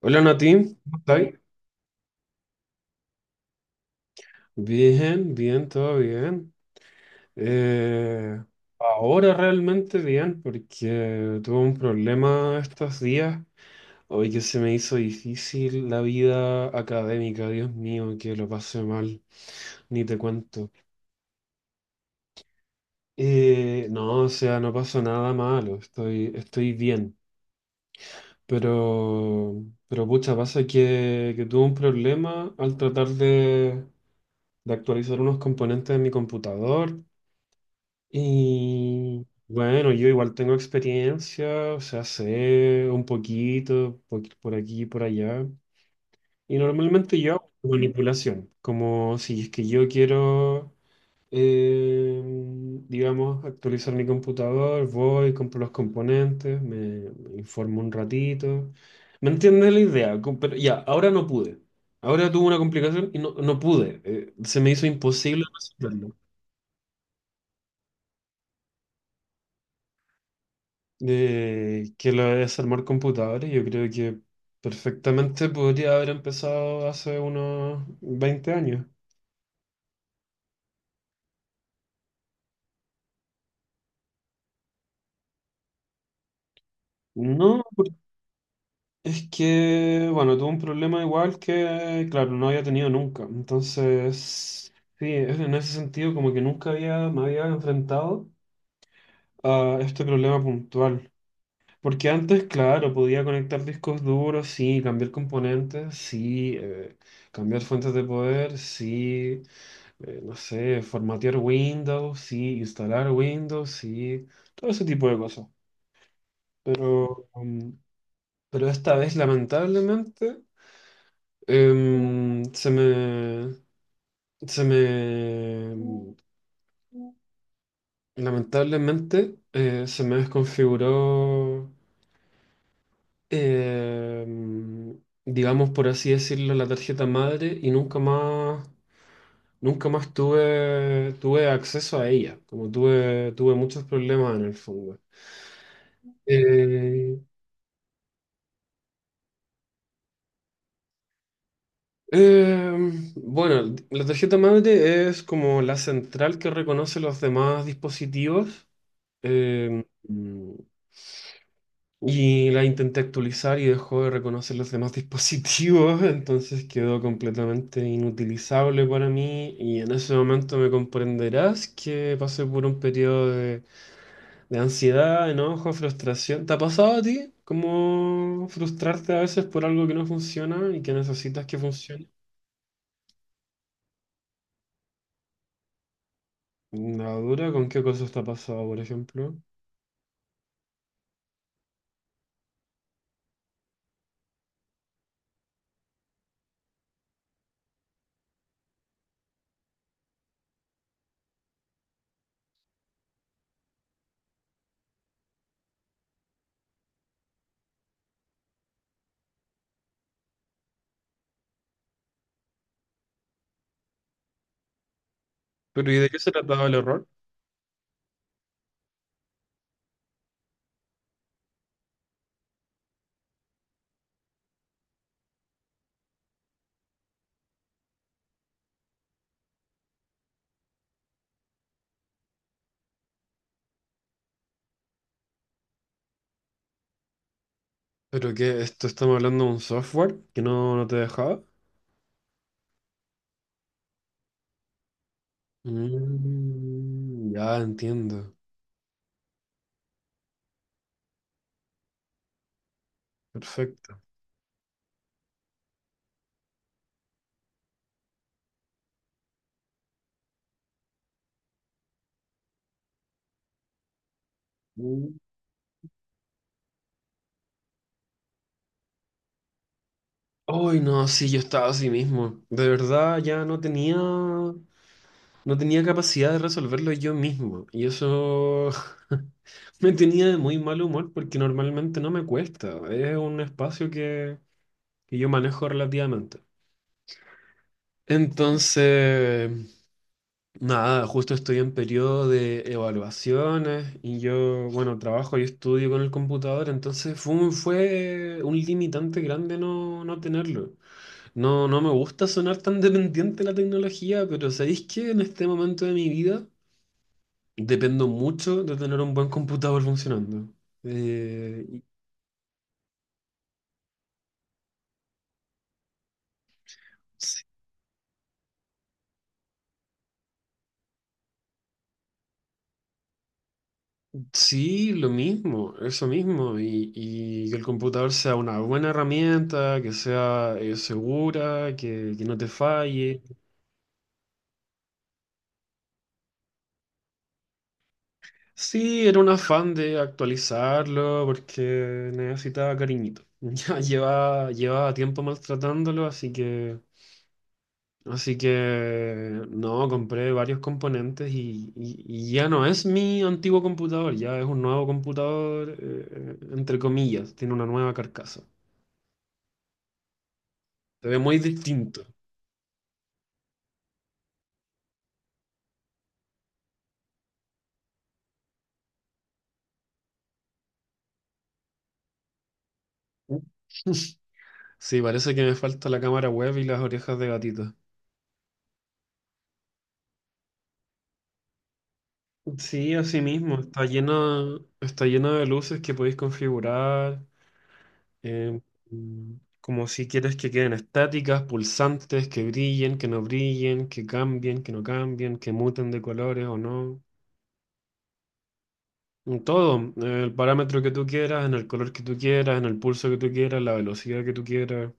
Hola Nati, ¿cómo estáis? Bien, bien, todo bien. Eh, ahora realmente bien, porque tuve un problema estos días. Hoy que se me hizo difícil la vida académica, Dios mío, que lo pasé mal, ni te cuento. No, o sea, no pasó nada malo, estoy bien. Pero pucha, pasa que tuve un problema al tratar de actualizar unos componentes de mi computador. Y bueno, yo igual tengo experiencia, o sea, sé un poquito por aquí y por allá. Y normalmente yo hago manipulación, como si es que yo quiero, eh, digamos, actualizar mi computador, voy, compro los componentes, me informo un ratito. ¿Me entiendes la idea? Pero ya, ahora no pude. Ahora tuve una complicación y no pude. Se me hizo imposible resolverlo. Que lo de desarmar computadores, yo creo que perfectamente podría haber empezado hace unos 20 años. No, es que, bueno, tuve un problema igual que, claro, no había tenido nunca. Entonces, sí, en ese sentido como que nunca había, me había enfrentado a este problema puntual. Porque antes, claro, podía conectar discos duros, sí, cambiar componentes, sí, cambiar fuentes de poder, sí, no sé, formatear Windows, sí, instalar Windows, sí, todo ese tipo de cosas. Pero, mm, pero esta vez, lamentablemente, em, se me, se me, mm, se me desconfiguró, em, digamos, por así decirlo, la tarjeta madre y nunca más tuve acceso a ella, como tuve muchos problemas en el fondo. Eh, eh, bueno, la tarjeta madre es como la central que reconoce los demás dispositivos, eh, y la intenté actualizar y dejó de reconocer los demás dispositivos. Entonces quedó completamente inutilizable para mí y en ese momento me comprenderás que pasé por un periodo de ansiedad, enojo, frustración. ¿Te ha pasado a ti? ¿Cómo frustrarte a veces por algo que no funciona y que necesitas que funcione? La dura, ¿con qué cosa está pasada, por ejemplo? Pero ¿y de qué se trataba el error? ¿Pero qué? ¿Esto estamos hablando de un software que no te dejaba? Mm, ya entiendo. Perfecto. Mm. Ay, no, sí, yo estaba así mismo. De verdad, ya no tenía capacidad de resolverlo yo mismo. Y eso me tenía de muy mal humor porque normalmente no me cuesta. Es un espacio que yo manejo relativamente. Entonces, nada, justo estoy en periodo de evaluaciones y yo, bueno, trabajo y estudio con el computador, entonces fue un limitante grande no tenerlo. No, no me gusta sonar tan dependiente de la tecnología, pero ¿sabéis que en este momento de mi vida dependo mucho de tener un buen computador funcionando? Eh, y- Sí, sí, lo mismo, eso mismo, y que el computador sea una buena herramienta, que sea segura, que no te falle. Sí, era un afán de actualizarlo porque necesitaba cariñito. Ya llevaba tiempo maltratándolo, así que no, compré varios componentes y ya no es mi antiguo computador, ya es un nuevo computador, entre comillas, tiene una nueva carcasa. Se ve muy distinto. Sí, parece que me falta la cámara web y las orejas de gatito. Sí, así mismo, está llena de luces que podéis configurar. eh, mm, como si quieres que queden estáticas, pulsantes, que brillen, que no brillen, que cambien, que no cambien, que muten de colores o no. En todo, el parámetro que tú quieras, en el color que tú quieras, en el pulso que tú quieras, la velocidad que tú quieras.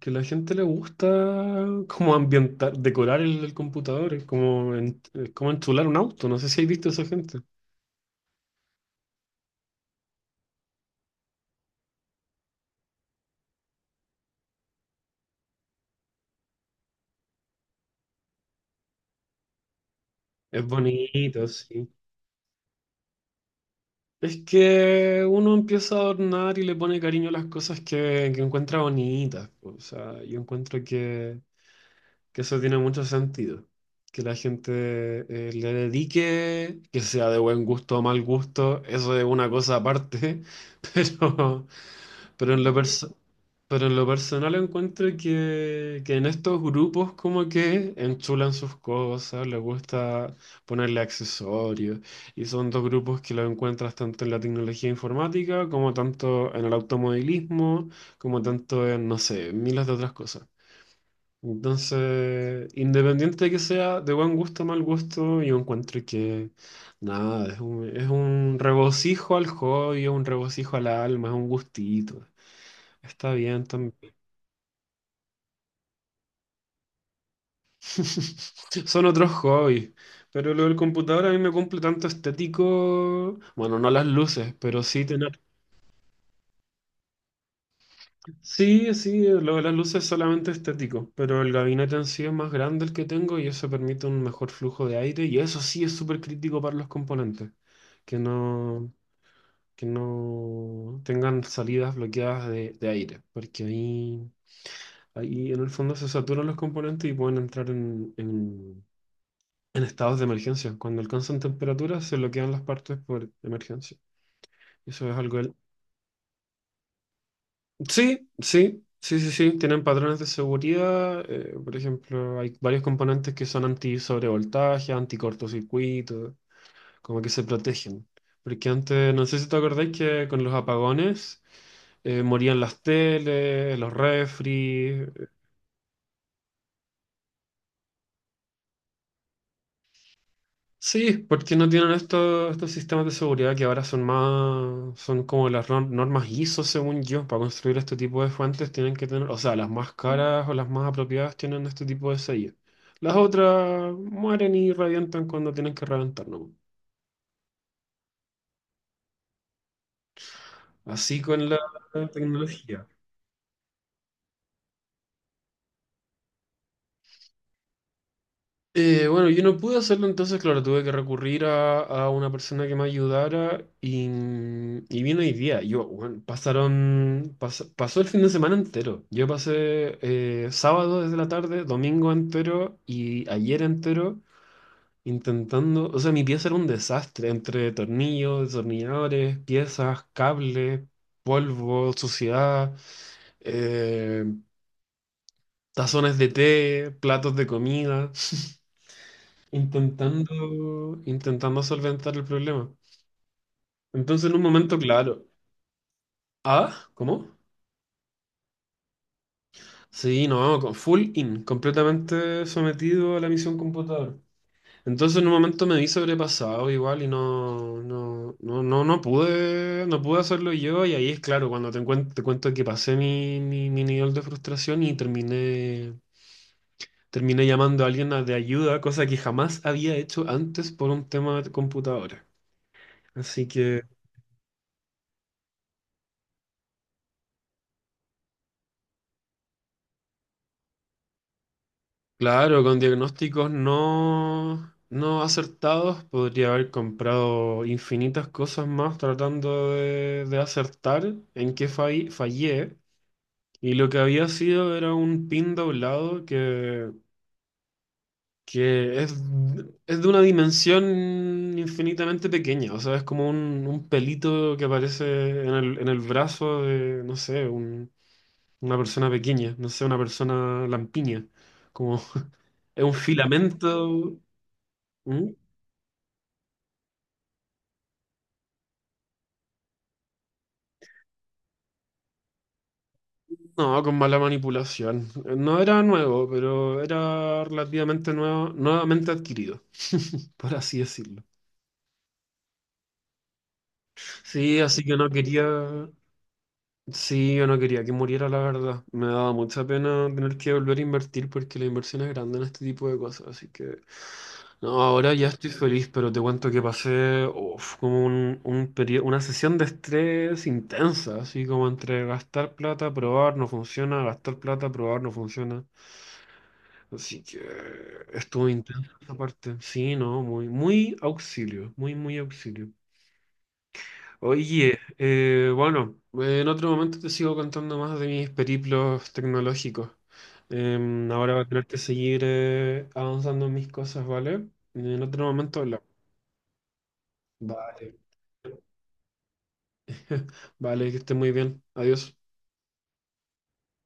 Que a la gente le gusta como ambientar, decorar el computador. Es como, es como enchular un auto, no sé si has visto a esa gente. Es bonito, sí. Es que uno empieza a adornar y le pone cariño a las cosas que encuentra bonitas. O sea, yo encuentro que eso tiene mucho sentido. Que la gente le dedique, que sea de buen gusto o mal gusto, eso es una cosa aparte. Pero, pero en lo perso- pero en lo personal encuentro que en estos grupos como que enchulan sus cosas, les gusta ponerle accesorios, y son dos grupos que los encuentras tanto en la tecnología informática, como tanto en el automovilismo, como tanto en, no sé, miles de otras cosas. Entonces, independiente de que sea de buen gusto o mal gusto, yo encuentro que nada, es un regocijo al hobby, es un regocijo al alma, es un gustito. Está bien también. Son otros hobbies. Pero lo del computador a mí me cumple tanto estético. Bueno, no las luces, pero sí tener. Sí, sí, lo de las luces es solamente estético, pero el gabinete en sí es más grande el que tengo y eso permite un mejor flujo de aire, y eso sí es súper crítico para los componentes, que no, que no tengan salidas bloqueadas de aire, porque ahí en el fondo se saturan los componentes y pueden entrar en estados de emergencia. Cuando alcanzan temperaturas se bloquean las partes por emergencia. Eso es algo. Sí, sí, sí, sí, sí, tienen patrones de seguridad. Por ejemplo, hay varios componentes que son anti-sobrevoltaje, anti-cortocircuito, como que se protegen. Porque antes, no sé si te acordáis que con los apagones morían las teles, los refri. Sí, porque no tienen estos sistemas de seguridad que ahora son más, son como las normas ISO, según yo, para construir este tipo de fuentes tienen que tener, o sea, las más caras o las más apropiadas tienen este tipo de sello. Las otras mueren y revientan cuando tienen que reventar, ¿no? Así con la tecnología. Bueno, yo no pude hacerlo, entonces, claro, tuve que recurrir a una persona que me ayudara, y vino hoy día. Yo, bueno, pasó el fin de semana entero. Yo pasé sábado desde la tarde, domingo entero y ayer entero intentando, o sea, mi pieza era un desastre entre tornillos, destornilladores, piezas, cables, polvo, suciedad, eh, tazones de té, platos de comida. Intentando solventar el problema. Entonces, en un momento, claro. Ah, ¿cómo? Sí, no, con full in, completamente sometido a la misión computador. Entonces, en un momento me vi sobrepasado igual y no pude hacerlo yo. Y ahí es claro, cuando te cuento que pasé mi nivel de frustración y terminé llamando a alguien de ayuda, cosa que jamás había hecho antes por un tema de computadora. Así que. Claro, con diagnósticos no acertados podría haber comprado infinitas cosas más tratando de acertar en qué fallé. Y lo que había sido era un pin doblado que es de una dimensión infinitamente pequeña. O sea, es como un pelito que aparece en el brazo de, no sé, una persona pequeña, no sé, una persona lampiña. Como es un filamento. ¿Mm? No, con mala manipulación. No era nuevo, pero era relativamente nuevo, nuevamente adquirido, por así decirlo. Sí, así que no quería, sí, yo no quería que muriera, la verdad. Me daba mucha pena tener que volver a invertir porque la inversión es grande en este tipo de cosas, así que no, ahora ya estoy feliz, pero te cuento que pasé uf, como un periodo, una sesión de estrés intensa, así como entre gastar plata, probar, no funciona, gastar plata, probar, no funciona. Así que estuvo intenso esa parte. Sí, no, muy, muy auxilio, muy, muy auxilio. Oye, bueno, en otro momento te sigo contando más de mis periplos tecnológicos. Ahora voy a tener que seguir avanzando en mis cosas, ¿vale? En otro momento hablamos. Vale. Vale, que esté muy bien. Adiós.